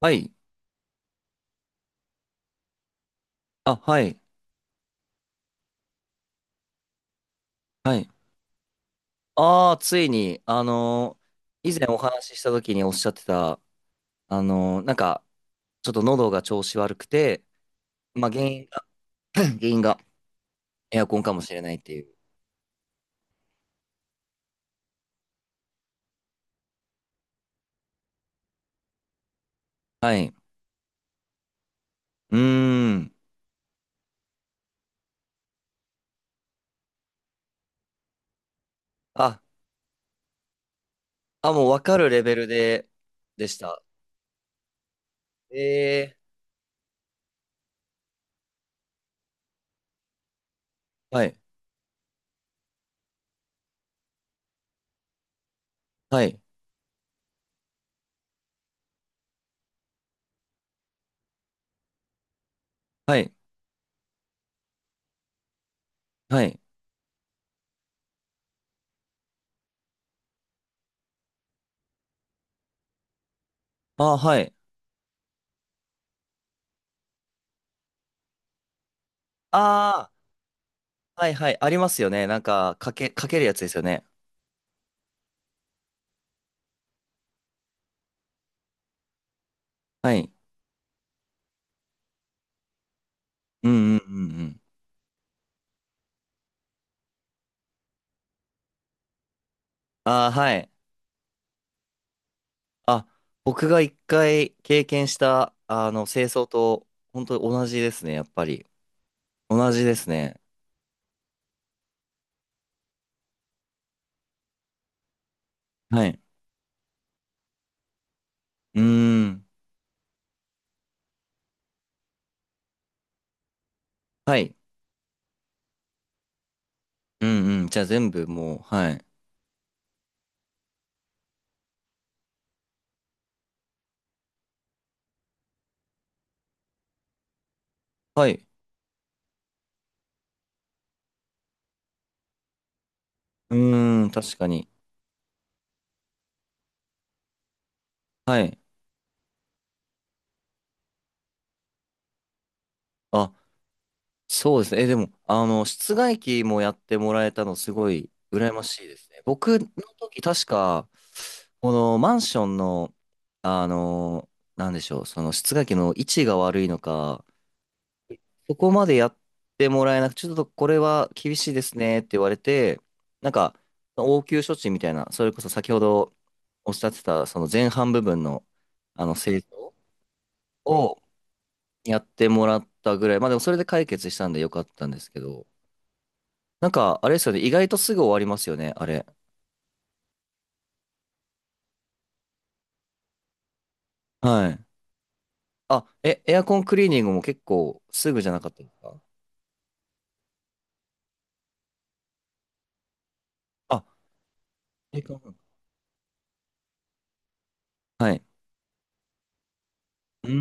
はい。あ、はい。はい。ああ、ついに、以前お話しした時におっしゃってた、あのーなんか、ちょっと喉が調子悪くて、まあ、原因が、原因がエアコンかもしれないっていう。はい。うーん。あ、あ、もうわかるレベルで、でした。ええ。はい。はい。はい。はい。ああ、はい。ああ、はいはい。ありますよね。なんか、かけるやつですよね。はい。うんうんうんうん。ああ、はい。あ、僕が一回経験した、あの、清掃と、本当に同じですね、やっぱり。同じですね。はい。うーん。はい。うんうん。じゃあ全部もう、はい。はい。うーん、確かに。はい。あ、そうですね。え、でも、あの、室外機もやってもらえたの、すごい、羨ましいですね。僕の時、確か、このマンションの、あの、なんでしょう、その室外機の位置が悪いのか、そこまでやってもらえなく、ちょっとこれは厳しいですねって言われて、なんか、応急処置みたいな、それこそ先ほどおっしゃってた、その前半部分の、あの、清掃をやってもらったぐらい、まあでもそれで解決したんでよかったんですけど、なんか、あれですよね、意外とすぐ終わりますよね、あれ。はい。あ、え、エアコンクリーニングも結構すぐじゃなかったですか？あ、時間。はい。うー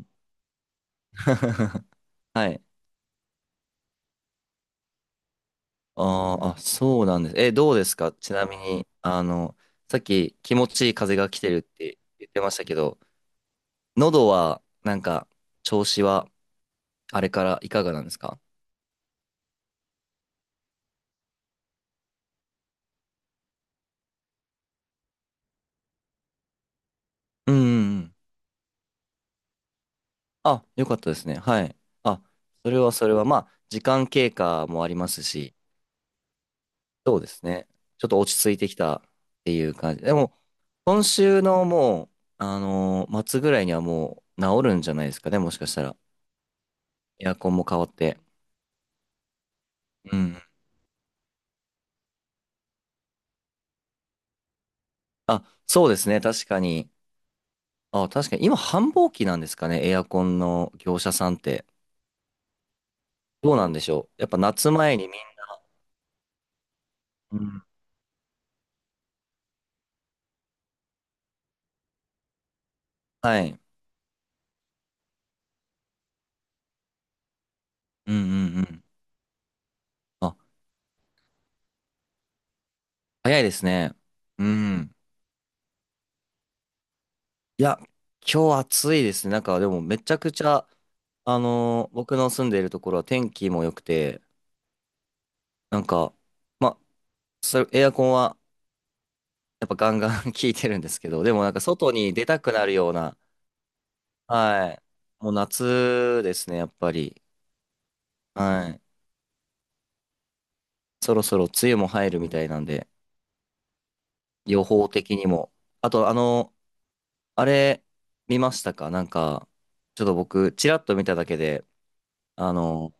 ん。はい。あーあ、そうなんです。え、どうですかちなみに、あの、さっき気持ちいい風が来てるって言ってましたけど、喉は、なんか、調子は、あれからいかがなんですか？うんうんうん。あ、よかったですね。はい。あ、それはそれは、まあ、時間経過もありますし、そうですね。ちょっと落ち着いてきたっていう感じ。でも、今週のもう、末ぐらいにはもう治るんじゃないですかね、もしかしたら。エアコンも変わって。うん。あ、そうですね。確かに。あ、確かに。今、繁忙期なんですかね。エアコンの業者さんって。どうなんでしょう。やっぱ夏前にみん、うん、はい。うんうんうん。あ、早いですね。うん。いや、今日暑いですね。なんか、でもめちゃくちゃ、僕の住んでいるところは天気も良くて、なんか、ま、それ、エアコンはやっぱガンガン 効いてるんですけど、でもなんか外に出たくなるような、はい。もう夏ですね、やっぱり。はい。そろそろ梅雨も入るみたいなんで、予報的にも。あと、あの、あれ、見ましたかなんか、ちょっと僕、ちらっと見ただけで、あの、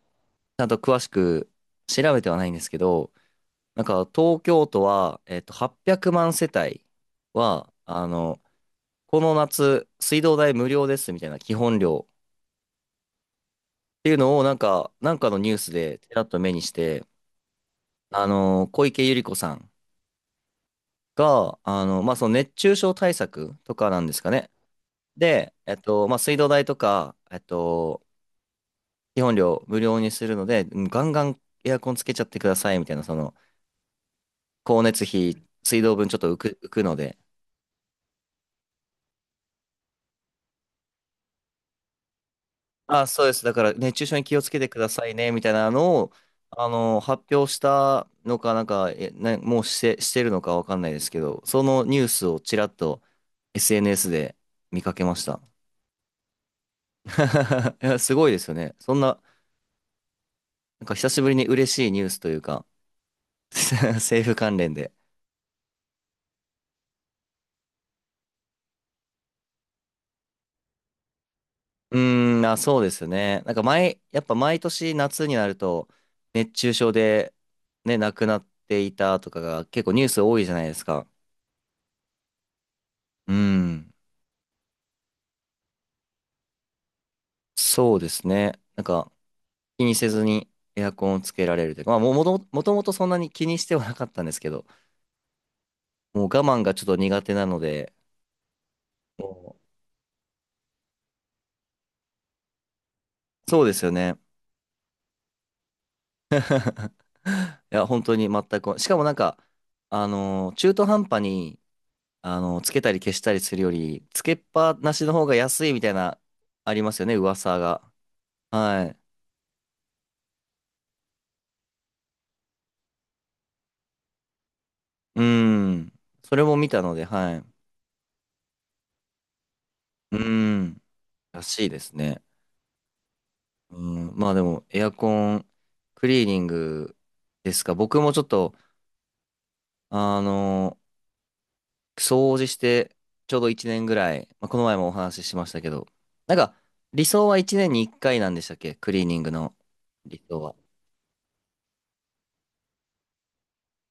ちゃんと詳しく調べてはないんですけど、なんか、東京都は、えっと、800万世帯は、あの、この夏、水道代無料ですみたいな基本料っていうのを、なんかのニュースでちらっと目にして、あの、小池百合子さんが、あの、まあ、その熱中症対策とかなんですかね。で、えっと、まあ、水道代とか、えっと、基本料無料にするので、うんガンガンエアコンつけちゃってくださいみたいな、その、光熱費、水道分ちょっと浮くので、あ、そうです。だから熱中症に気をつけてくださいね、みたいなのを、あの、発表したのか、なんか、え、な、もうして、してるのかわかんないですけど、そのニュースをちらっと SNS で見かけました。いや、すごいですよね。そんな、なんか久しぶりに嬉しいニュースというか、政府関連で。うーん、あ、そうですね。なんか毎、やっぱ毎年夏になると、熱中症で、ね、亡くなっていたとかが結構ニュース多いじゃないですか。うん、そうですね。なんか気にせずにエアコンをつけられるというか、もともとそんなに気にしてはなかったんですけど、もう我慢がちょっと苦手なので、もうそうですよね。いや、本当に全く、しかもなんか、中途半端に、あの、つけたり消したりするより、つけっぱなしの方が安いみたいな、ありますよね、噂が。はい。うん。それも見たので、はい。うん。らしいですね。うん。まあでも、エアコン、クリーニングですか。僕もちょっと、あの、掃除して、ちょうど1年ぐらい、まあ、この前もお話ししましたけど、なんか、理想は1年に1回なんでしたっけクリーニングの理想は。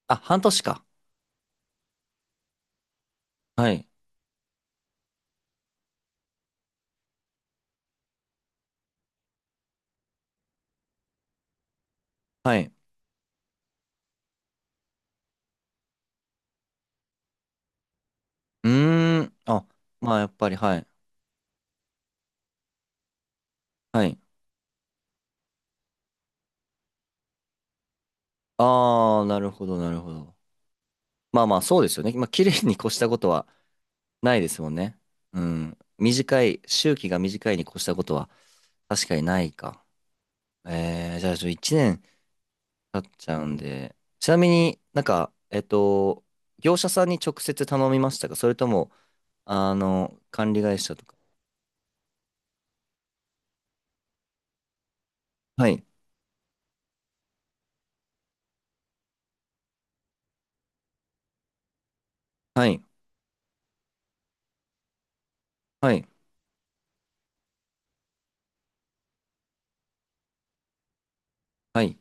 あ、半年か。はい。はい。うーん。あ、まあやっぱり、はい。はい。ああ、なるほど、なるほど。まあまあ、そうですよね。まあ、綺麗に越したことはないですもんね。うん。短い、周期が短いに越したことは確かにないか。えー、じゃあ、ちょ、1年経っちゃうんで。ちなみになんか、えっと、業者さんに直接頼みましたかそれとも、あの、管理会社とか。はい。はい。はい。はい。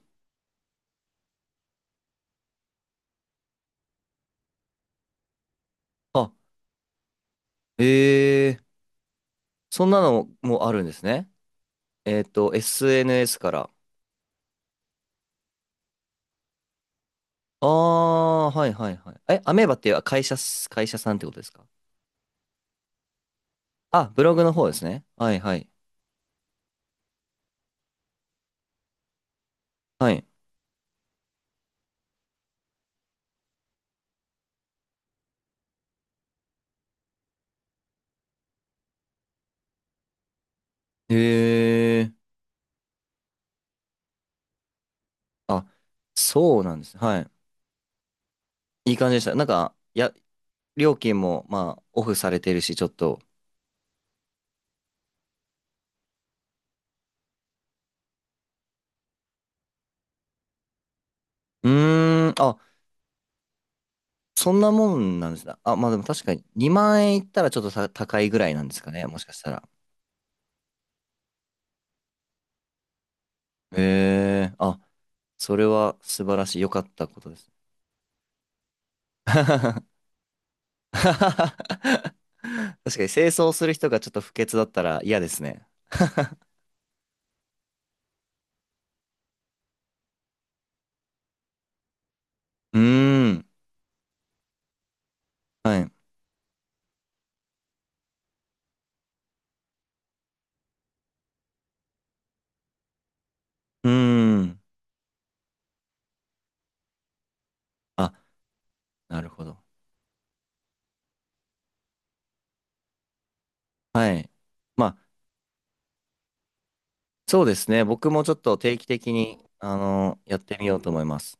あ、えー、そんなのもあるんですね。えっと、SNS から。ああ、はいはいはい。え、アメーバっていう会社っす、会社さんってことですか？あ、ブログの方ですね。はいはい。はい。へえ。あ、そうなんですね。はい。いい感じでした。なんか、や、料金も、まあ、オフされてるし、ちょっと。うーん、あ、そんなもんなんですね。あ、まあでも確かに2万円いったらちょっと高いぐらいなんですかね。もしかしたら。へえ。あ、それは素晴らしい。良かったことです。確かに清掃する人がちょっと不潔だったら嫌ですね。うーん。はい。うーん。あ、なるほど。はい。まあ、そうですね。僕もちょっと定期的に、あの、やってみようと思います。